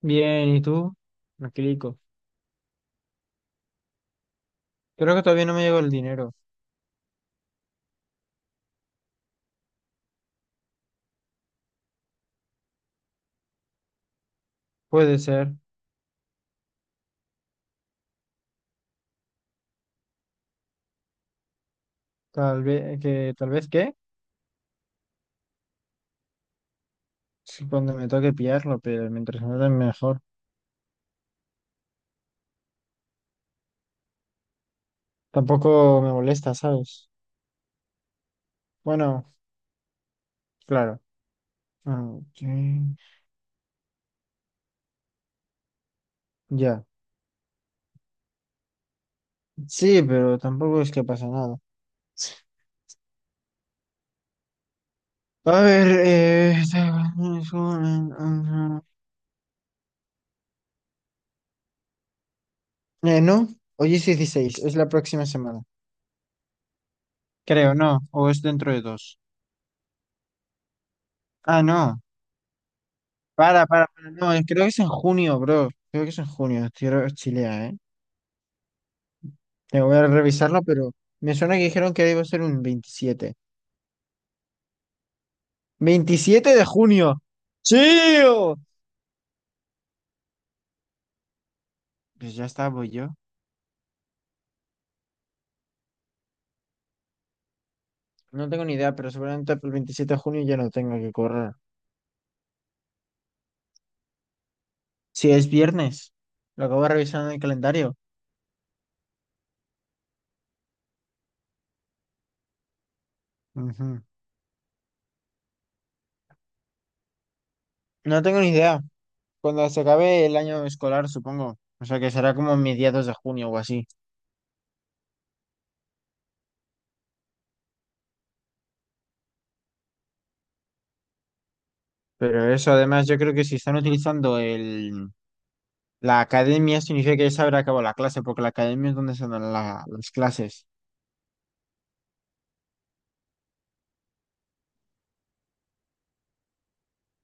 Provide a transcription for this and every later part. Bien, ¿y tú? Tranquilico. Creo que todavía no me llegó el dinero. Puede ser. Tal vez que, sí, cuando me toque pillarlo, pero mientras me den mejor. Tampoco me molesta, ¿sabes? Bueno, claro. Ah, ok. Ya. Sí, pero tampoco es que pasa nada. A ver, no, hoy es 16, es la próxima semana. Creo, no, o es dentro de dos. Ah, no. Para, no, creo que es en junio, bro. Creo que es en junio, estoy chilea, ¿eh? Tengo que revisarlo, pero me suena que dijeron que iba a ser un veintisiete de junio. ¡Chío! Pues ya está, voy yo. No tengo ni idea, pero seguramente el 27 de junio ya no tengo que correr. Si es viernes, lo acabo de revisar en el calendario. Ujú. No tengo ni idea. Cuando se acabe el año escolar, supongo. O sea, que será como mediados de junio o así. Pero eso, además, yo creo que si están utilizando el... La academia significa que ya se habrá acabado la clase, porque la academia es donde se dan las clases.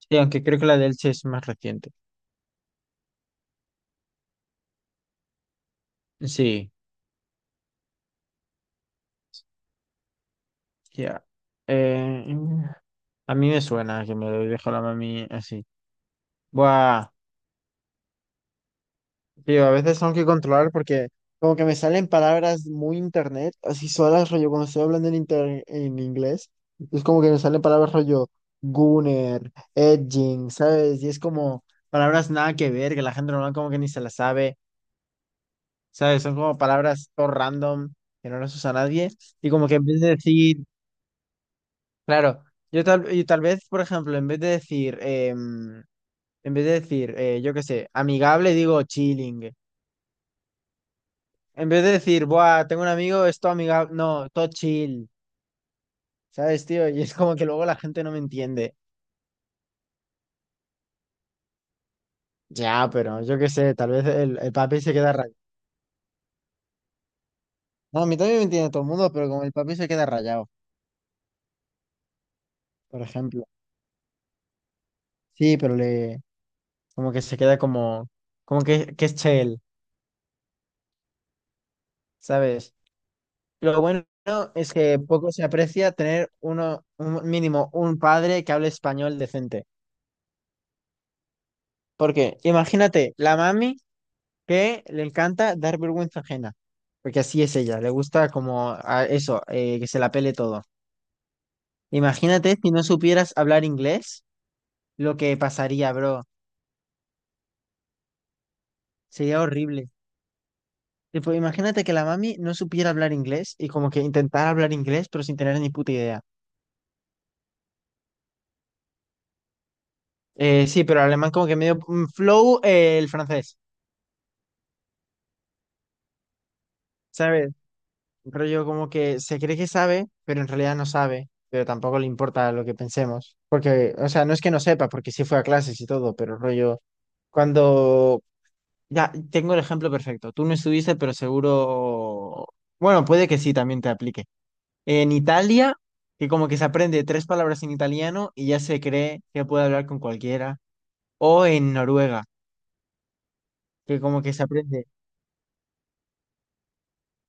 Sí, aunque creo que la del Che es más reciente. Sí, ya. Eh, a mí me suena que me lo dijo la mami así. Buah, tío, a veces tengo que controlar porque como que me salen palabras muy internet, así solas, rollo, cuando estoy hablando en inglés, es como que me salen palabras rollo gunner, edging, ¿sabes? Y es como palabras nada que ver, que la gente normal como que ni se las sabe. ¿Sabes? Son como palabras todo random que no las usa nadie. Y como que en vez de decir, claro, yo tal, y tal vez, por ejemplo, en vez de decir, yo qué sé, amigable, digo chilling. En vez de decir, buah, tengo un amigo, es todo amigable, no, todo chill, ¿sabes, tío? Y es como que luego la gente no me entiende. Ya, pero yo qué sé, tal vez el papi se queda rayado. No, a mí también me entiende todo el mundo, pero como el papi se queda rayado, por ejemplo. Sí, pero le, como que se queda como, como que es chel. ¿Sabes? Lo bueno es que poco se aprecia tener uno, un mínimo un padre que hable español decente. Porque imagínate, la mami que le encanta dar vergüenza ajena, porque así es ella, le gusta como a eso, que se la pele todo. Imagínate si no supieras hablar inglés, lo que pasaría, bro, sería horrible. Tipo, imagínate que la mami no supiera hablar inglés y como que intentara hablar inglés, pero sin tener ni puta idea. Sí, pero alemán como que medio flow, el francés. ¿Sabes? Rollo como que se cree que sabe, pero en realidad no sabe, pero tampoco le importa lo que pensemos. Porque, o sea, no es que no sepa, porque sí fue a clases y todo, pero rollo, cuando... Ya, tengo el ejemplo perfecto. Tú no estuviste, pero seguro... Bueno, puede que sí, también te aplique. En Italia, que como que se aprende tres palabras en italiano y ya se cree que puede hablar con cualquiera. O en Noruega, que como que se aprende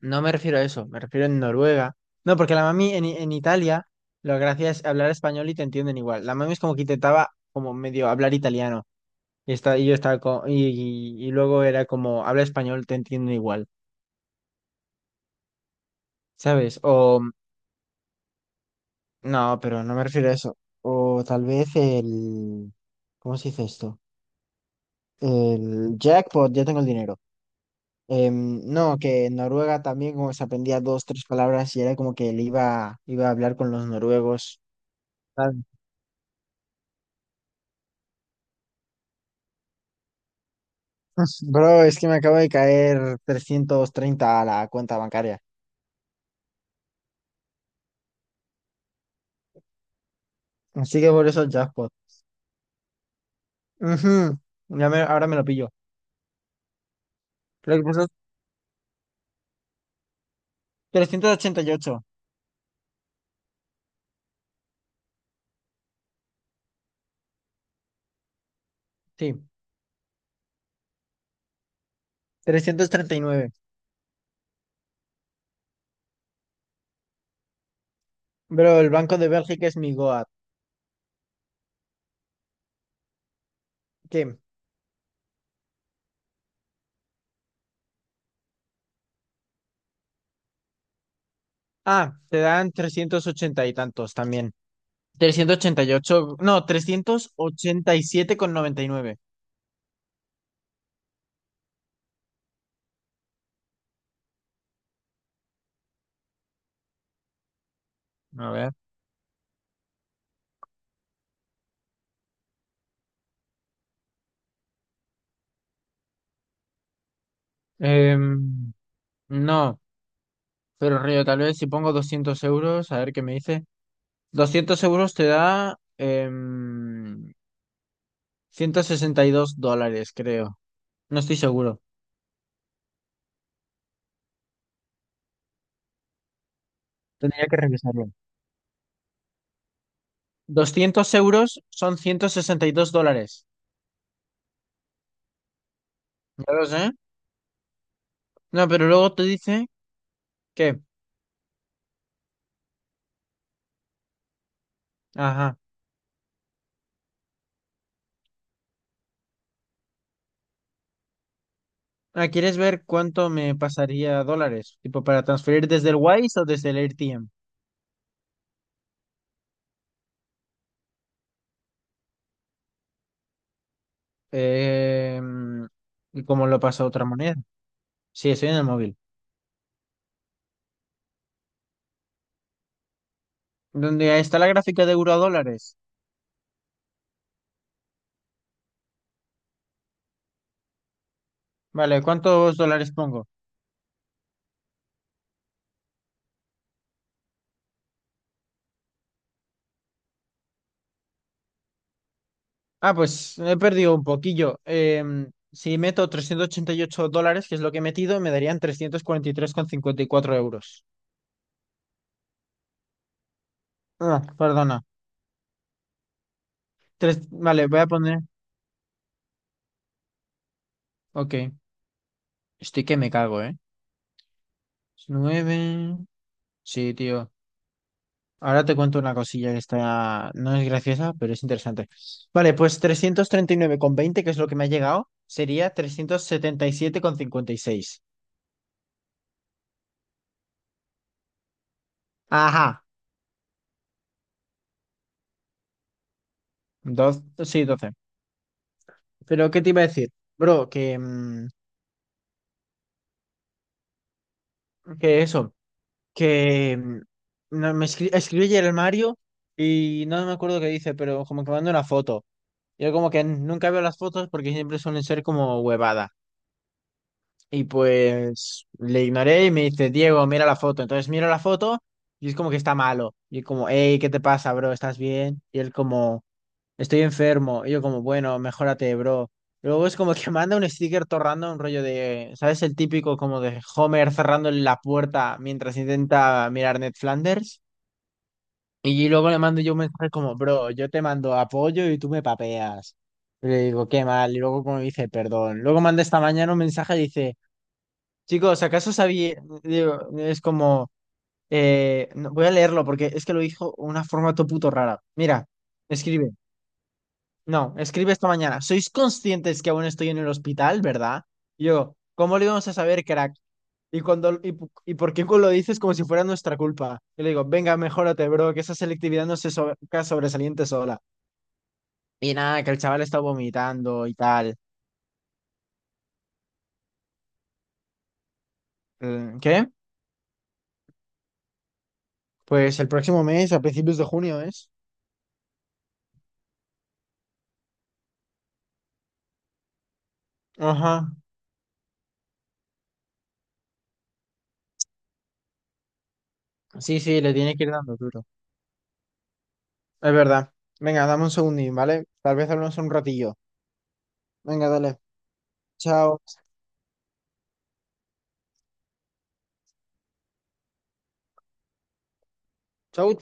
no me refiero a eso, me refiero en Noruega. No, porque la mami en Italia, la gracia es hablar español y te entienden igual. La mami es como que intentaba como medio hablar italiano. Y yo estaba y luego era como, habla español, te entienden igual, ¿sabes? O, no, pero no me refiero a eso. O tal vez el, ¿cómo se dice esto? El jackpot, ya tengo el dinero. No, que en Noruega también como se aprendía dos, tres palabras y era como que le iba a hablar con los noruegos. Bro, es que me acaba de caer 330 a la cuenta bancaria. Así que por eso jackpot. Ujú, ahora me lo pillo. Creo que puso 388. Sí, 339. Bro, el Banco de Bélgica es mi Goat. ¿Qué? Ah, te dan 380 y tantos también. 388, no, 387,99. A ver. Em, no, pero Río, tal vez si pongo 200 euros, a ver qué me dice. 200 € te da $162, creo. No estoy seguro. Tendría que revisarlo. 200 € son $162. Ya lo sé. No, pero luego te dice que... Ajá. Ah, ¿quieres ver cuánto me pasaría dólares? Tipo, para transferir desde el Wise o desde el AirTM. Em, ¿y cómo lo pasa a otra moneda? Sí, estoy en el móvil. ¿Dónde está la gráfica de euro a dólares? Vale, ¿cuántos dólares pongo? Ah, pues he perdido un poquillo. Si meto $388, que es lo que he metido, me darían trescientos cuarenta y tres coma cincuenta y cuatro euros. Ah, perdona. Tres, vale, voy a poner. Ok. Estoy que me cago, ¿eh? Nueve. Sí, tío. Ahora te cuento una cosilla que está. No es graciosa, pero es interesante. Vale, pues 339,20, que es lo que me ha llegado, sería trescientos setenta y siete coma cincuenta y seis. Ajá. Sí, 12. Pero, ¿qué te iba a decir? Bro, que. Mm, Que eso, que mm, no, me escribió ayer el Mario y no me acuerdo qué dice, pero como que manda una foto. Yo como que nunca veo las fotos porque siempre suelen ser como huevada. Y pues le ignoré y me dice, Diego, mira la foto. Entonces miro la foto y es como que está malo. Y como, hey, ¿qué te pasa, bro? ¿Estás bien? Y él como, estoy enfermo. Y yo como, bueno, mejórate, bro. Luego es como que manda un sticker torrando un rollo de, ¿sabes? El típico como de Homer cerrando la puerta mientras intenta mirar Ned Flanders. Y luego le mando yo un mensaje como, bro, yo te mando apoyo y tú me papeas. Y le digo, qué mal. Y luego como dice, perdón. Luego manda esta mañana un mensaje y dice, chicos, ¿acaso sabía? Digo, es como, voy a leerlo porque es que lo dijo de una forma todo puto rara. Mira, escribe. No, escribe esta mañana. ¿Sois conscientes que aún estoy en el hospital, verdad? Y yo, ¿cómo lo íbamos a saber, crack? Y por qué lo dices como si fuera nuestra culpa. Y le digo, venga, mejórate, bro, que esa selectividad no se sobresalía sobresaliente sola. Y nada, que el chaval está vomitando y tal. Mm, ¿qué? Pues el próximo mes, a principios de junio, ¿es? Ajá. Sí, sí, le tiene que ir dando duro. Es verdad. Venga, dame un segundín, ¿vale? Tal vez hablamos un ratillo. Venga, dale. Chao. Chao.